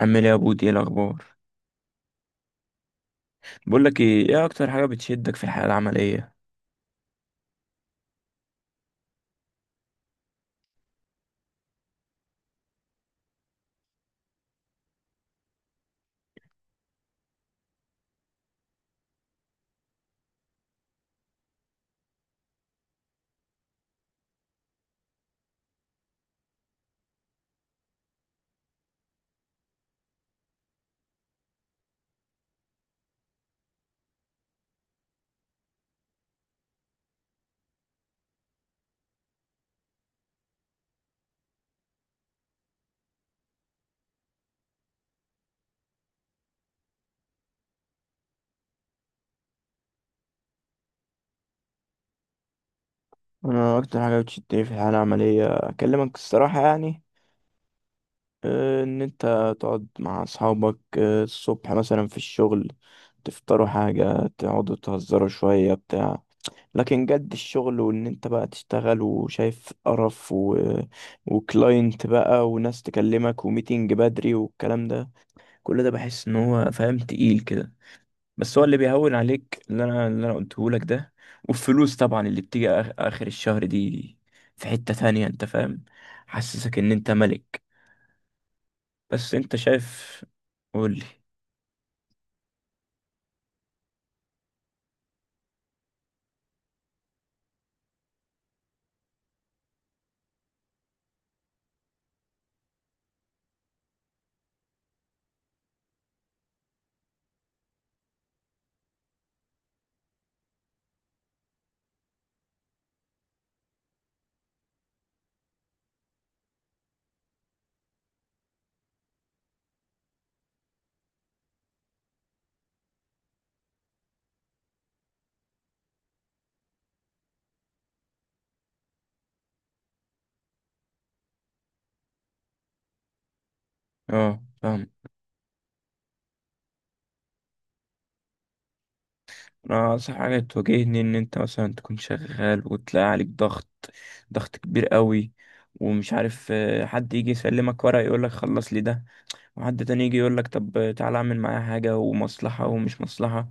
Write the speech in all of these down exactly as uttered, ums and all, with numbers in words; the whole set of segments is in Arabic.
عامل ايه يا بودي؟ ايه الاخبار؟ بقول لك ايه ايه اكتر حاجه بتشدك في الحياه العمليه؟ انا اكتر حاجه بتشدني في الحياه العمليه، اكلمك الصراحه، يعني آه، ان انت تقعد مع اصحابك، آه، الصبح مثلا في الشغل، تفطروا حاجه، تقعدوا تهزروا شويه بتاع. لكن جد الشغل، وان انت بقى تشتغل وشايف قرف و... وكلاينت بقى وناس تكلمك وميتنج بدري والكلام ده. كل ده بحس ان هو فاهم تقيل كده. بس هو اللي بيهون عليك اللي انا اللي انا قلته لك ده، والفلوس طبعا اللي بتيجي آخ- اخر الشهر دي، في حتة تانية، انت فاهم؟ حسسك ان انت ملك. بس انت شايف؟ قولي. اه، فاهم. انا اصح حاجة تواجهني ان انت مثلا تكون شغال وتلاقي عليك ضغط، ضغط كبير قوي، ومش عارف، آه، حد يجي يسلمك ورقة يقولك خلص لي ده، وحد تاني يجي يقولك طب تعالى اعمل معايا حاجة، ومصلحة ومش مصلحة،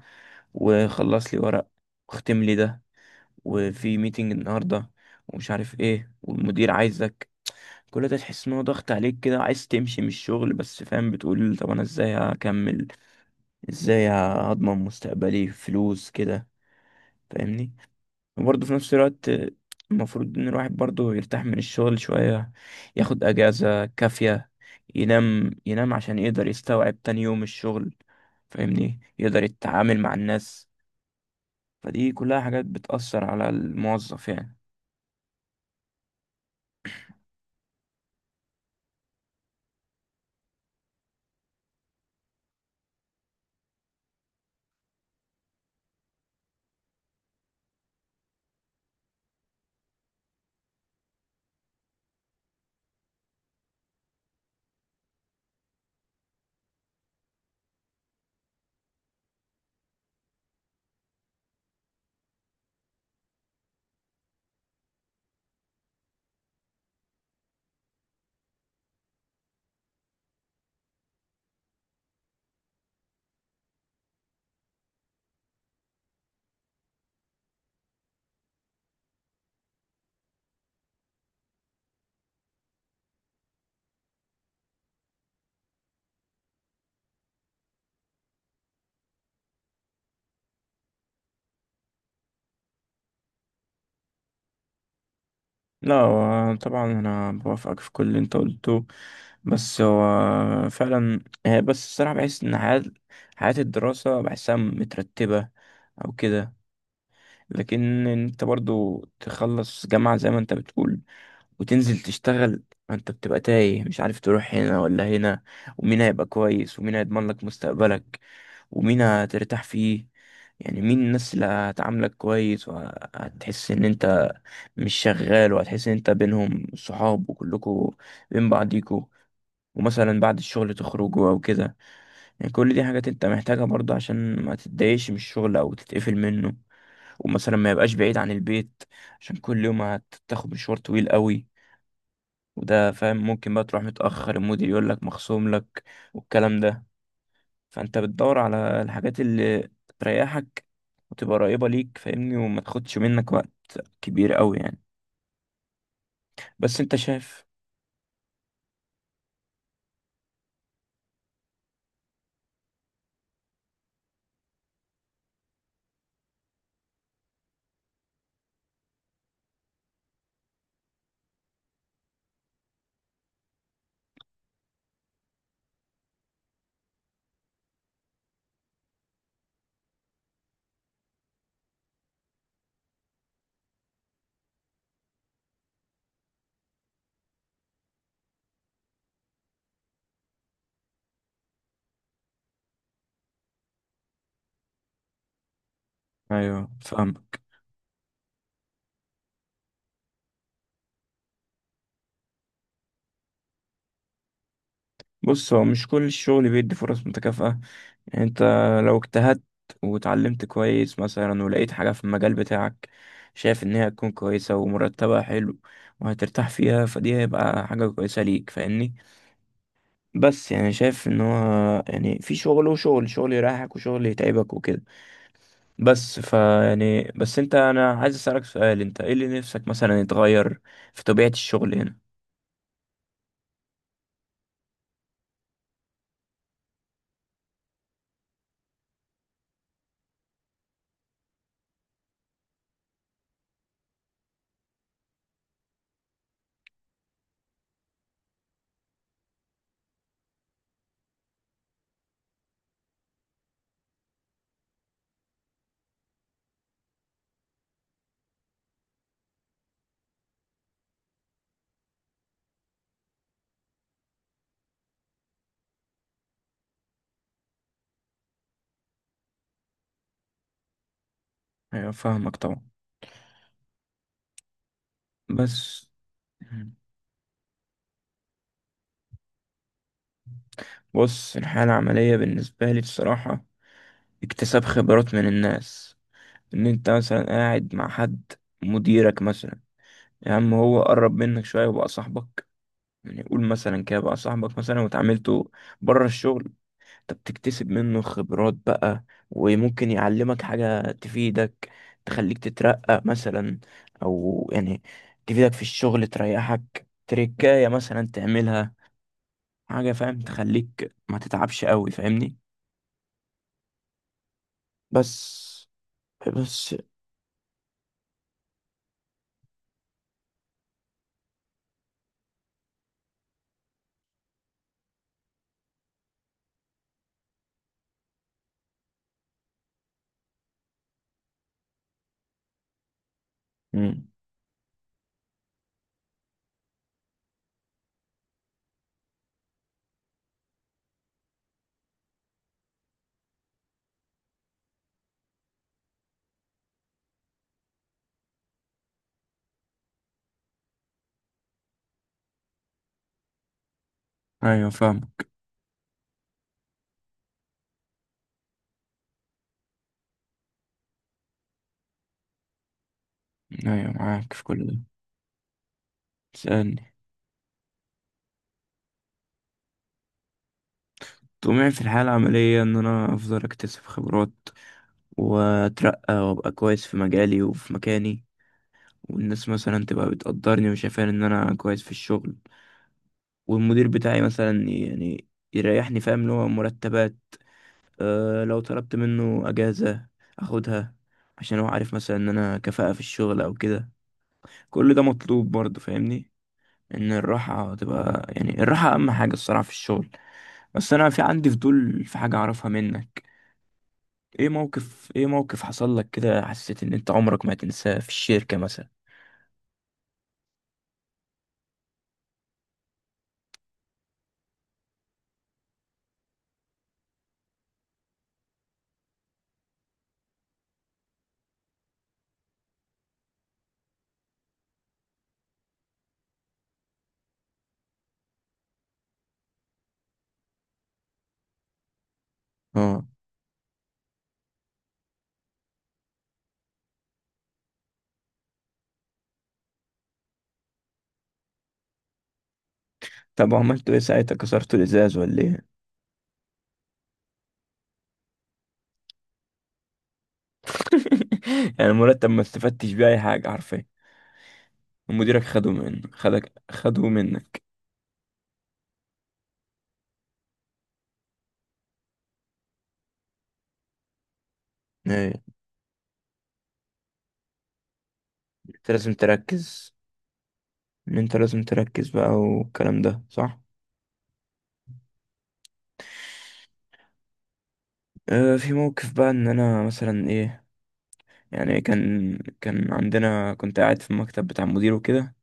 وخلص لي ورق، واختم لي ده، وفي ميتنج النهارده، ومش عارف ايه، والمدير عايزك. كل ده تحس ان هو ضغط عليك كده، عايز تمشي من الشغل، بس فاهم، بتقول طب انا ازاي هكمل؟ ازاي هضمن مستقبلي؟ فلوس كده، فاهمني؟ وبرضه في نفس الوقت، المفروض ان الواحد برضه يرتاح من الشغل شوية، ياخد اجازة كافية، ينام ينام عشان يقدر يستوعب تاني يوم الشغل، فاهمني، يقدر يتعامل مع الناس. فدي كلها حاجات بتأثر على الموظف، يعني. لا، هو طبعا انا بوافقك في كل اللي انت قلته. بس هو فعلا هي، بس الصراحه بحس ان حياه حياه الدراسه بحسها مترتبه او كده. لكن انت برضو تخلص جامعه زي ما انت بتقول وتنزل تشتغل، ما انت بتبقى تايه، مش عارف تروح هنا ولا هنا، ومين هيبقى كويس، ومين هيضمن لك مستقبلك، ومين هترتاح فيه، يعني مين الناس اللي هتعاملك كويس، وهتحس ان انت مش شغال، وهتحس ان انت بينهم صحاب وكلكوا بين بعضيكوا، ومثلا بعد الشغل تخرجوا او كده. يعني كل دي حاجات انت محتاجها برضه عشان ما تتضايقش من الشغل او تتقفل منه. ومثلا ما يبقاش بعيد عن البيت، عشان كل يوم هتاخد مشوار طويل قوي، وده فاهم ممكن بقى تروح متأخر، المدير يقول لك مخصوم لك والكلام ده. فانت بتدور على الحاجات اللي تريحك وتبقى قريبة ليك، فاهمني، وما تاخدش منك وقت كبير قوي يعني. بس انت شايف؟ ايوه، فاهم. بص، هو مش كل الشغل بيدي فرص متكافئة. يعني انت لو اجتهدت وتعلمت كويس مثلا، ولقيت حاجة في المجال بتاعك شايف ان هي هتكون كويسة ومرتبها حلو وهترتاح فيها، فدي هيبقى حاجة كويسة ليك، فاهمني. بس يعني شايف ان هو، يعني في شغل وشغل، شغل يريحك وشغل يتعبك وكده. بس ف يعني بس انت انا عايز اسالك سؤال، انت ايه اللي نفسك مثلا يتغير في طبيعة الشغل هنا؟ ايوه، فاهمك طبعا. بس بص، الحالة العملية بالنسبة لي بصراحة اكتساب خبرات من الناس. ان انت مثلا قاعد مع حد، مديرك مثلا، يا عم هو قرب منك شوية وبقى صاحبك، يعني قول مثلا كده بقى صاحبك مثلا، وتعاملته بره الشغل، انت بتكتسب منه خبرات بقى، وممكن يعلمك حاجة تفيدك، تخليك تترقى مثلا، او يعني تفيدك في الشغل، تريحك، تركاية مثلا تعملها حاجة فاهم، تخليك ما تتعبش قوي، فاهمني. بس بس مم. ايوه، فاهمك. ايوه، معاك في كل ده. سألني. طموحي في الحياة العملية ان انا افضل اكتسب خبرات واترقى وابقى كويس في مجالي وفي مكاني، والناس مثلا تبقى بتقدرني وشايفاني ان انا كويس في الشغل، والمدير بتاعي مثلا يعني يريحني، فاهم، اللي هو مرتبات. أه لو طلبت منه اجازة اخدها، عشان هو عارف مثلا ان انا كفاءة في الشغل او كده. كل ده مطلوب برضه، فاهمني، ان الراحة تبقى، يعني الراحة اهم حاجة الصراحة في الشغل. بس انا في عندي فضول في حاجة اعرفها منك. ايه موقف، ايه موقف حصل لك كده حسيت ان انت عمرك ما هتنساه في الشركة مثلا؟ اه. طب وعملتوا ايه ساعتها؟ كسرتوا الازاز ولا ايه؟ يعني المرتب ما استفدتش بيه اي حاجه حرفيا؟ ومديرك خده منك خدك خده منك ايه، انت لازم تركز، ان انت لازم تركز بقى والكلام ده صح. اه، في موقف بقى ان انا مثلا ايه، يعني كان كان عندنا كنت قاعد في المكتب بتاع المدير وكده،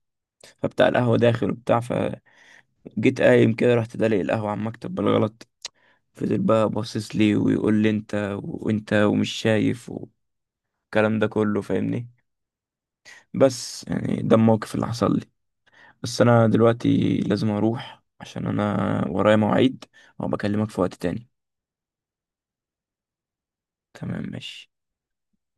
فبتاع القهوه داخل وبتاع فجيت، قايم كده رحت دلق القهوه على المكتب بالغلط. فضل بقى باصص لي ويقول لي انت وانت ومش شايف، والكلام ده كله فاهمني. بس يعني ده الموقف اللي حصل لي. بس انا دلوقتي لازم اروح عشان انا ورايا مواعيد، وبكلمك في وقت تاني. تمام، ماشي.